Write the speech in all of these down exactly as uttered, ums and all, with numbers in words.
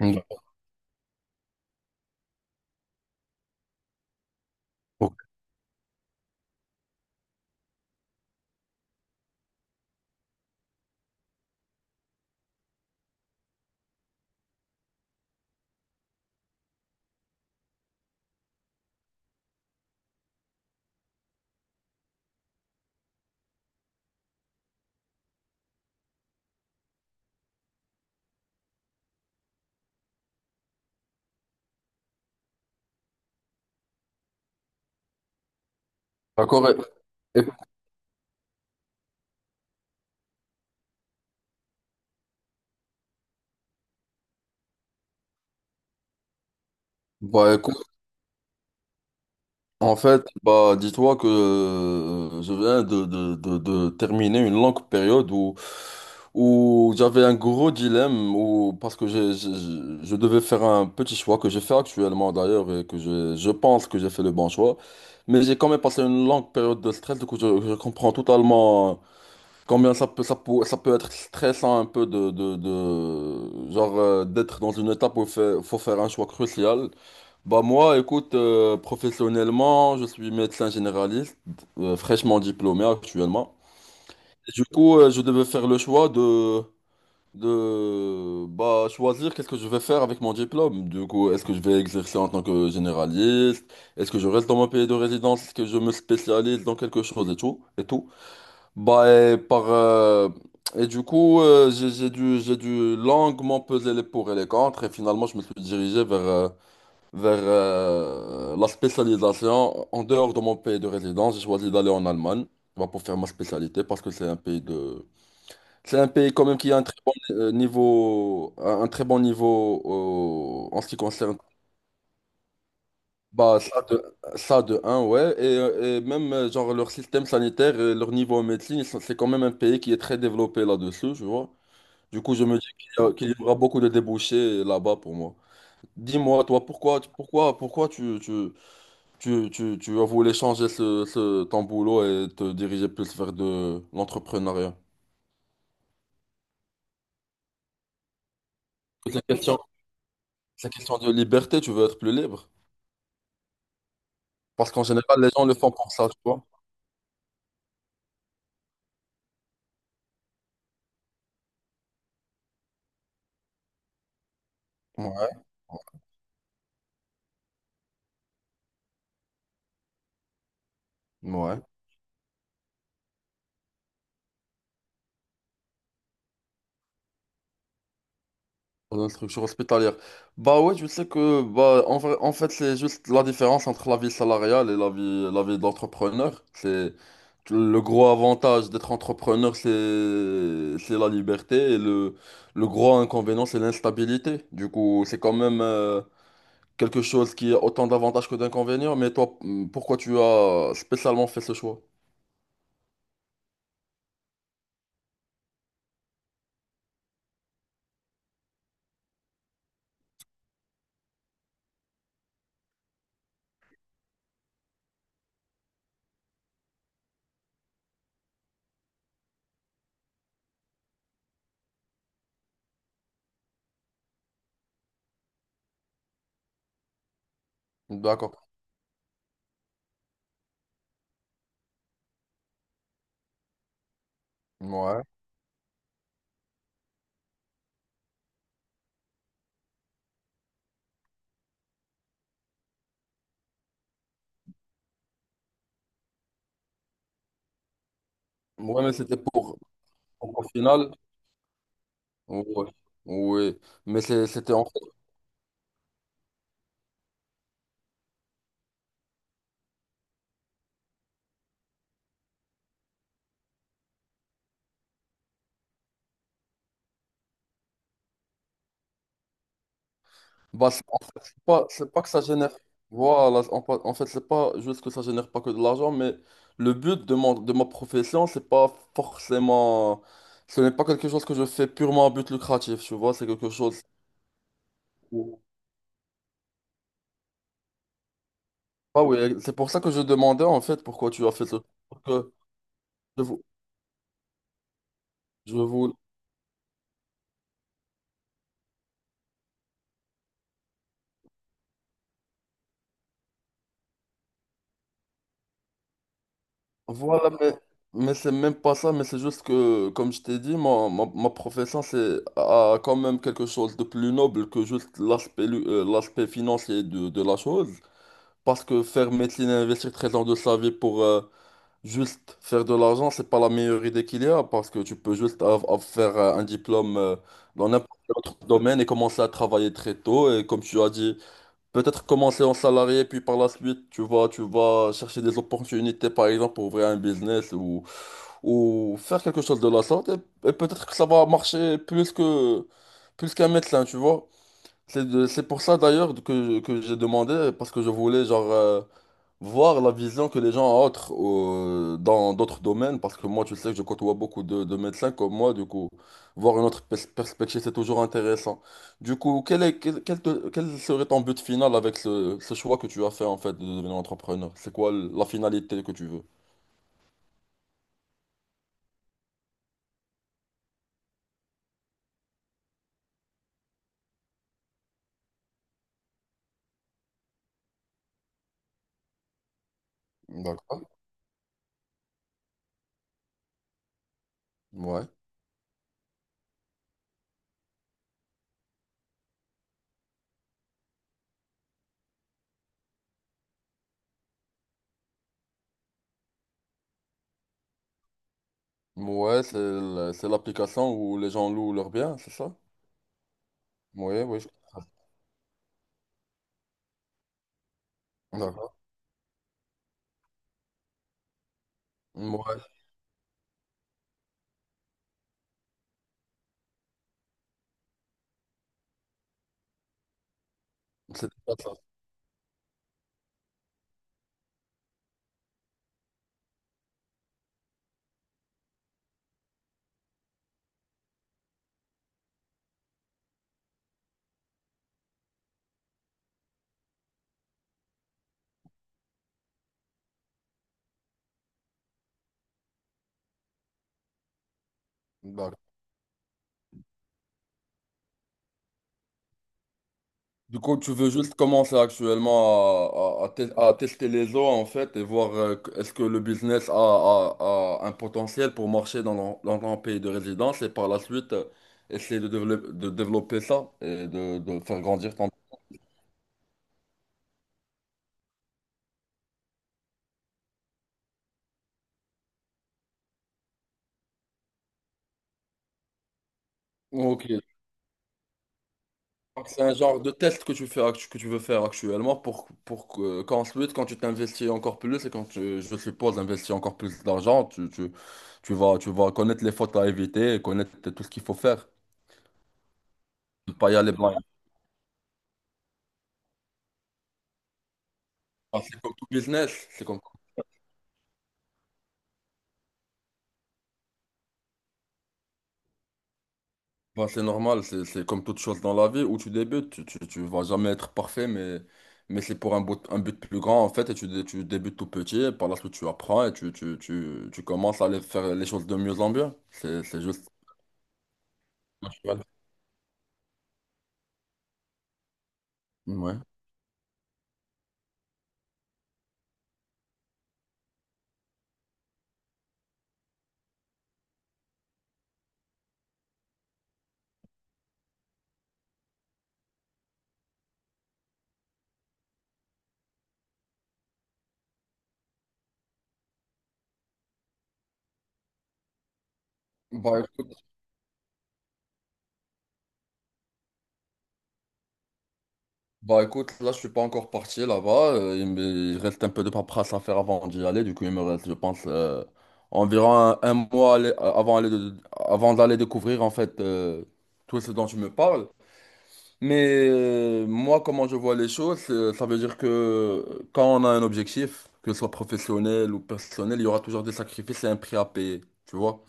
Mm. Ok. D'accord. Et- et- Bah, écoute, en fait, bah, dis-toi que euh, je viens de, de, de, de terminer une longue période où, où j'avais un gros dilemme où, parce que j'ai- j'ai- je, je devais faire un petit choix que je fais actuellement d'ailleurs et que je, je pense que j'ai fait le bon choix. Mais j'ai quand même passé une longue période de stress, du coup, je, je comprends totalement combien ça peut, ça peut, ça peut être stressant un peu de, de, de genre euh, d'être dans une étape où il faut faut faire un choix crucial. Bah moi, écoute, euh, professionnellement, je suis médecin généraliste, euh, fraîchement diplômé actuellement. Et du coup, euh, je devais faire le choix de, de bah, choisir qu'est-ce que je vais faire avec mon diplôme. Du coup, est-ce que je vais exercer en tant que généraliste? Est-ce que je reste dans mon pays de résidence? Est-ce que je me spécialise dans quelque chose et tout, et tout. Bah, et par, euh, et du coup, euh, j'ai j'ai dû, j'ai dû longuement peser les pour et les contre et finalement, je me suis dirigé vers... euh, vers euh, la spécialisation. En dehors de mon pays de résidence, j'ai choisi d'aller en Allemagne bah, pour faire ma spécialité parce que c'est un pays de... C'est un pays quand même qui a un très bon euh, niveau, un un très bon niveau euh, en ce qui concerne bah, ça de, ça de un ouais. Et, euh, et même euh, genre leur système sanitaire, et leur niveau en médecine, ils sont- c'est quand même un pays qui est très développé là-dessus, tu vois. Du coup, je me dis qu'il y a- qu'il y aura beaucoup de débouchés là-bas pour moi. Dis-moi, toi, pourquoi, pourquoi, pourquoi tu, tu, Tu, tu, tu as voulu changer ce, ce- ton boulot et te diriger plus vers de l'entrepreneuriat. C'est une question, c'est une question de liberté, tu veux être plus libre. Parce qu'en général, les gens le font pour ça, tu vois. Ouais. Ouais. Dans une structure hospitalière. Bah ouais, tu sais que, bah, en vrai- en fait, c'est juste la différence entre la vie salariale et la vie, la vie d'entrepreneur. C'est le gros avantage d'être entrepreneur, c'est, c'est la liberté et le, le gros inconvénient, c'est l'instabilité. Du coup, c'est quand même euh, quelque chose qui a autant d'avantages que d'inconvénients, mais toi, hmm, pourquoi tu as spécialement fait ce choix? D'accord. Ouais. Ouais, mais c'était pour, pour au final. Ouais. Oui. Mais c'est- c'était en fait. Bah, c'est en fait, c'est pas, c'est pas que ça génère. Voilà. En, pa- en fait, c'est pas juste que ça génère pas que de l'argent, mais le but de mon, de ma profession, c'est pas forcément. Ce n'est pas quelque chose que je fais purement à but lucratif, tu vois. C'est quelque chose. Où- Ah oui, c'est pour ça que je demandais en fait pourquoi tu as fait ce. Parce que- je Je vous Voilà, mais, mais c'est même pas ça, mais c'est juste que, comme je t'ai dit, ma, ma, ma profession, c'est a quand même quelque chose de plus noble que juste l'aspect lu- euh, l'aspect financier de, de la chose. Parce que faire médecine et investir treize ans de sa vie pour euh, juste faire de l'argent, c'est pas la meilleure idée qu'il y a, parce que tu peux juste av- av- faire euh, un diplôme euh, dans n'importe quel autre domaine et commencer à travailler très tôt. Et comme tu as dit, peut-être commencer en salarié, puis par la suite, tu vas, tu vas chercher des opportunités, par exemple, pour ouvrir un business ou, ou faire quelque chose de la sorte. Et, et peut-être que ça va marcher plus que, plus qu'un médecin, tu vois. C'est de- c'est pour ça d'ailleurs que, que j'ai demandé, parce que je voulais, genre, euh, voir la vision que les gens ont autre- au- dans d'autres domaines, parce que moi, tu sais que je côtoie beaucoup de, de médecins comme moi, du coup, voir une autre pers- perspective, c'est toujours intéressant. Du coup, quel est, quel, quel te- quel serait ton but final avec ce, ce choix que tu as fait, en fait, de devenir entrepreneur? C'est quoi la finalité que tu veux? D'accord. Ouais. Ouais, c'est l- c'est l'application où les gens louent leurs biens, c'est ça? Oui, oui. je- D'accord. Ouais, c'est déjà ça. D'accord. Du coup, tu veux juste commencer actuellement à, à- à tes- à tester les eaux en fait et voir euh, que- est-ce que le business a, a- a un potentiel pour marcher dans ton, dans ton pays de résidence et par la suite euh, essayer de, dévelop- de développer ça et de, de faire grandir ton. Ok. Donc, c'est un genre de test que tu fais, actu- que tu veux faire actuellement pour, pour que- qu'ensuite, quand tu t'investis encore plus et quand tu, je suppose, investis encore plus d'argent, tu, tu, tu vas, tu vas connaître les fautes à éviter et connaître tout ce qu'il faut faire. Ne pas y aller. Ah, c'est comme tout business, c'est comme, bah, c'est normal, c'est c'est comme toute chose dans la vie où tu débutes, tu, tu, tu vas jamais être parfait, mais, mais c'est pour un but, un but plus grand en fait, et tu, dé- tu débutes tout petit, et par la suite tu apprends et tu, tu, tu, tu commences à aller faire les choses de mieux en mieux. C'est c'est juste naturel. Ouais. Bah, écoute, Bah écoute, là je suis pas encore parti là-bas, euh, il me il reste un peu de paperasse à faire avant d'y aller, du coup il me reste je pense euh, environ un, un mois aller- euh, avant, aller de- avant d'aller découvrir en fait euh, tout ce dont tu me parles. Mais euh, moi comment je vois les choses, c'est- ça veut dire que quand on a un objectif, que ce soit professionnel ou personnel, il y aura toujours des sacrifices et un prix à payer, tu vois.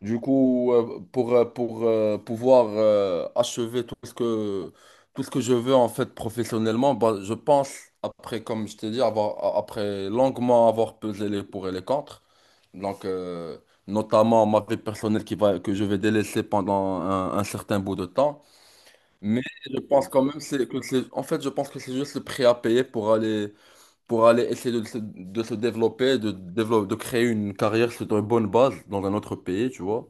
Du coup, euh, pour, euh, pour euh, pouvoir euh, achever tout ce que, tout ce que je veux en fait professionnellement, bah, je pense, après, comme je t'ai dit, avoir, a- après longuement avoir pesé les pour et les contre, donc euh, notamment ma vie personnelle qui va, que je vais délaisser pendant un, un certain bout de temps. Mais je pense quand même c'est, que c'est, en fait, je pense que c'est juste le prix à payer pour aller, pour aller essayer de se, de se développer, de, développer, de créer une carrière sur une bonne base dans un autre pays, tu vois.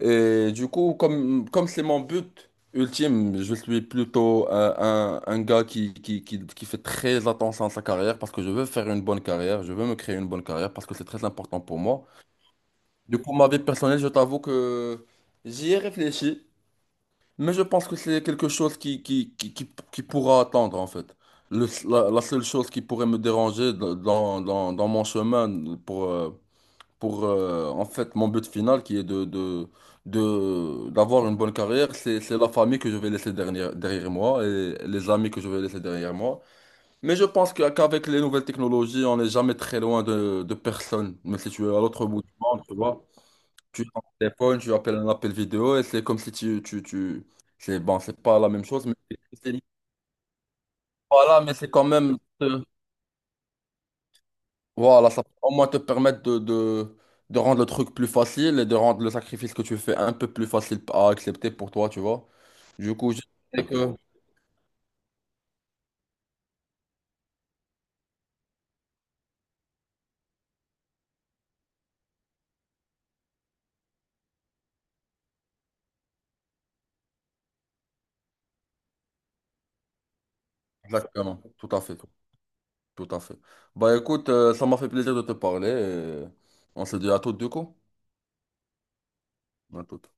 Et du coup, comme, comme c'est mon but ultime, je suis plutôt euh, un, un gars qui, qui, qui, qui fait très attention à sa carrière parce que je veux faire une bonne carrière, je veux me créer une bonne carrière parce que c'est très important pour moi. Du coup, ma vie personnelle, je t'avoue que j'y ai réfléchi, mais je pense que c'est quelque chose qui, qui, qui, qui, qui pourra attendre en fait. Le- la, la seule chose qui pourrait me déranger dans, dans, dans dans mon chemin pour, euh, pour euh, en fait mon but final qui est de, de, de- d'avoir une bonne carrière, c'est, c'est la famille que je vais laisser derrière, derrière moi et les amis que je vais laisser derrière moi. Mais je pense que- qu'avec les nouvelles technologies, on n'est jamais très loin de, de personne. Mais si tu es à l'autre bout du monde, tu vois, tu es ton téléphone, tu appelles un appel vidéo et c'est comme si tu, tu, tu... C'est bon, c'est pas la même chose, mais c'est voilà, mais c'est quand même. Euh, Voilà, ça peut au moins te permettre de, de, de rendre le truc plus facile et de rendre le sacrifice que tu fais un peu plus facile à accepter pour toi, tu vois. Du coup, je sais que... Exactement, tout à fait, tout à fait. Bah écoute, euh, ça m'a fait plaisir de te parler et on se dit à toutes du coup. À toutes.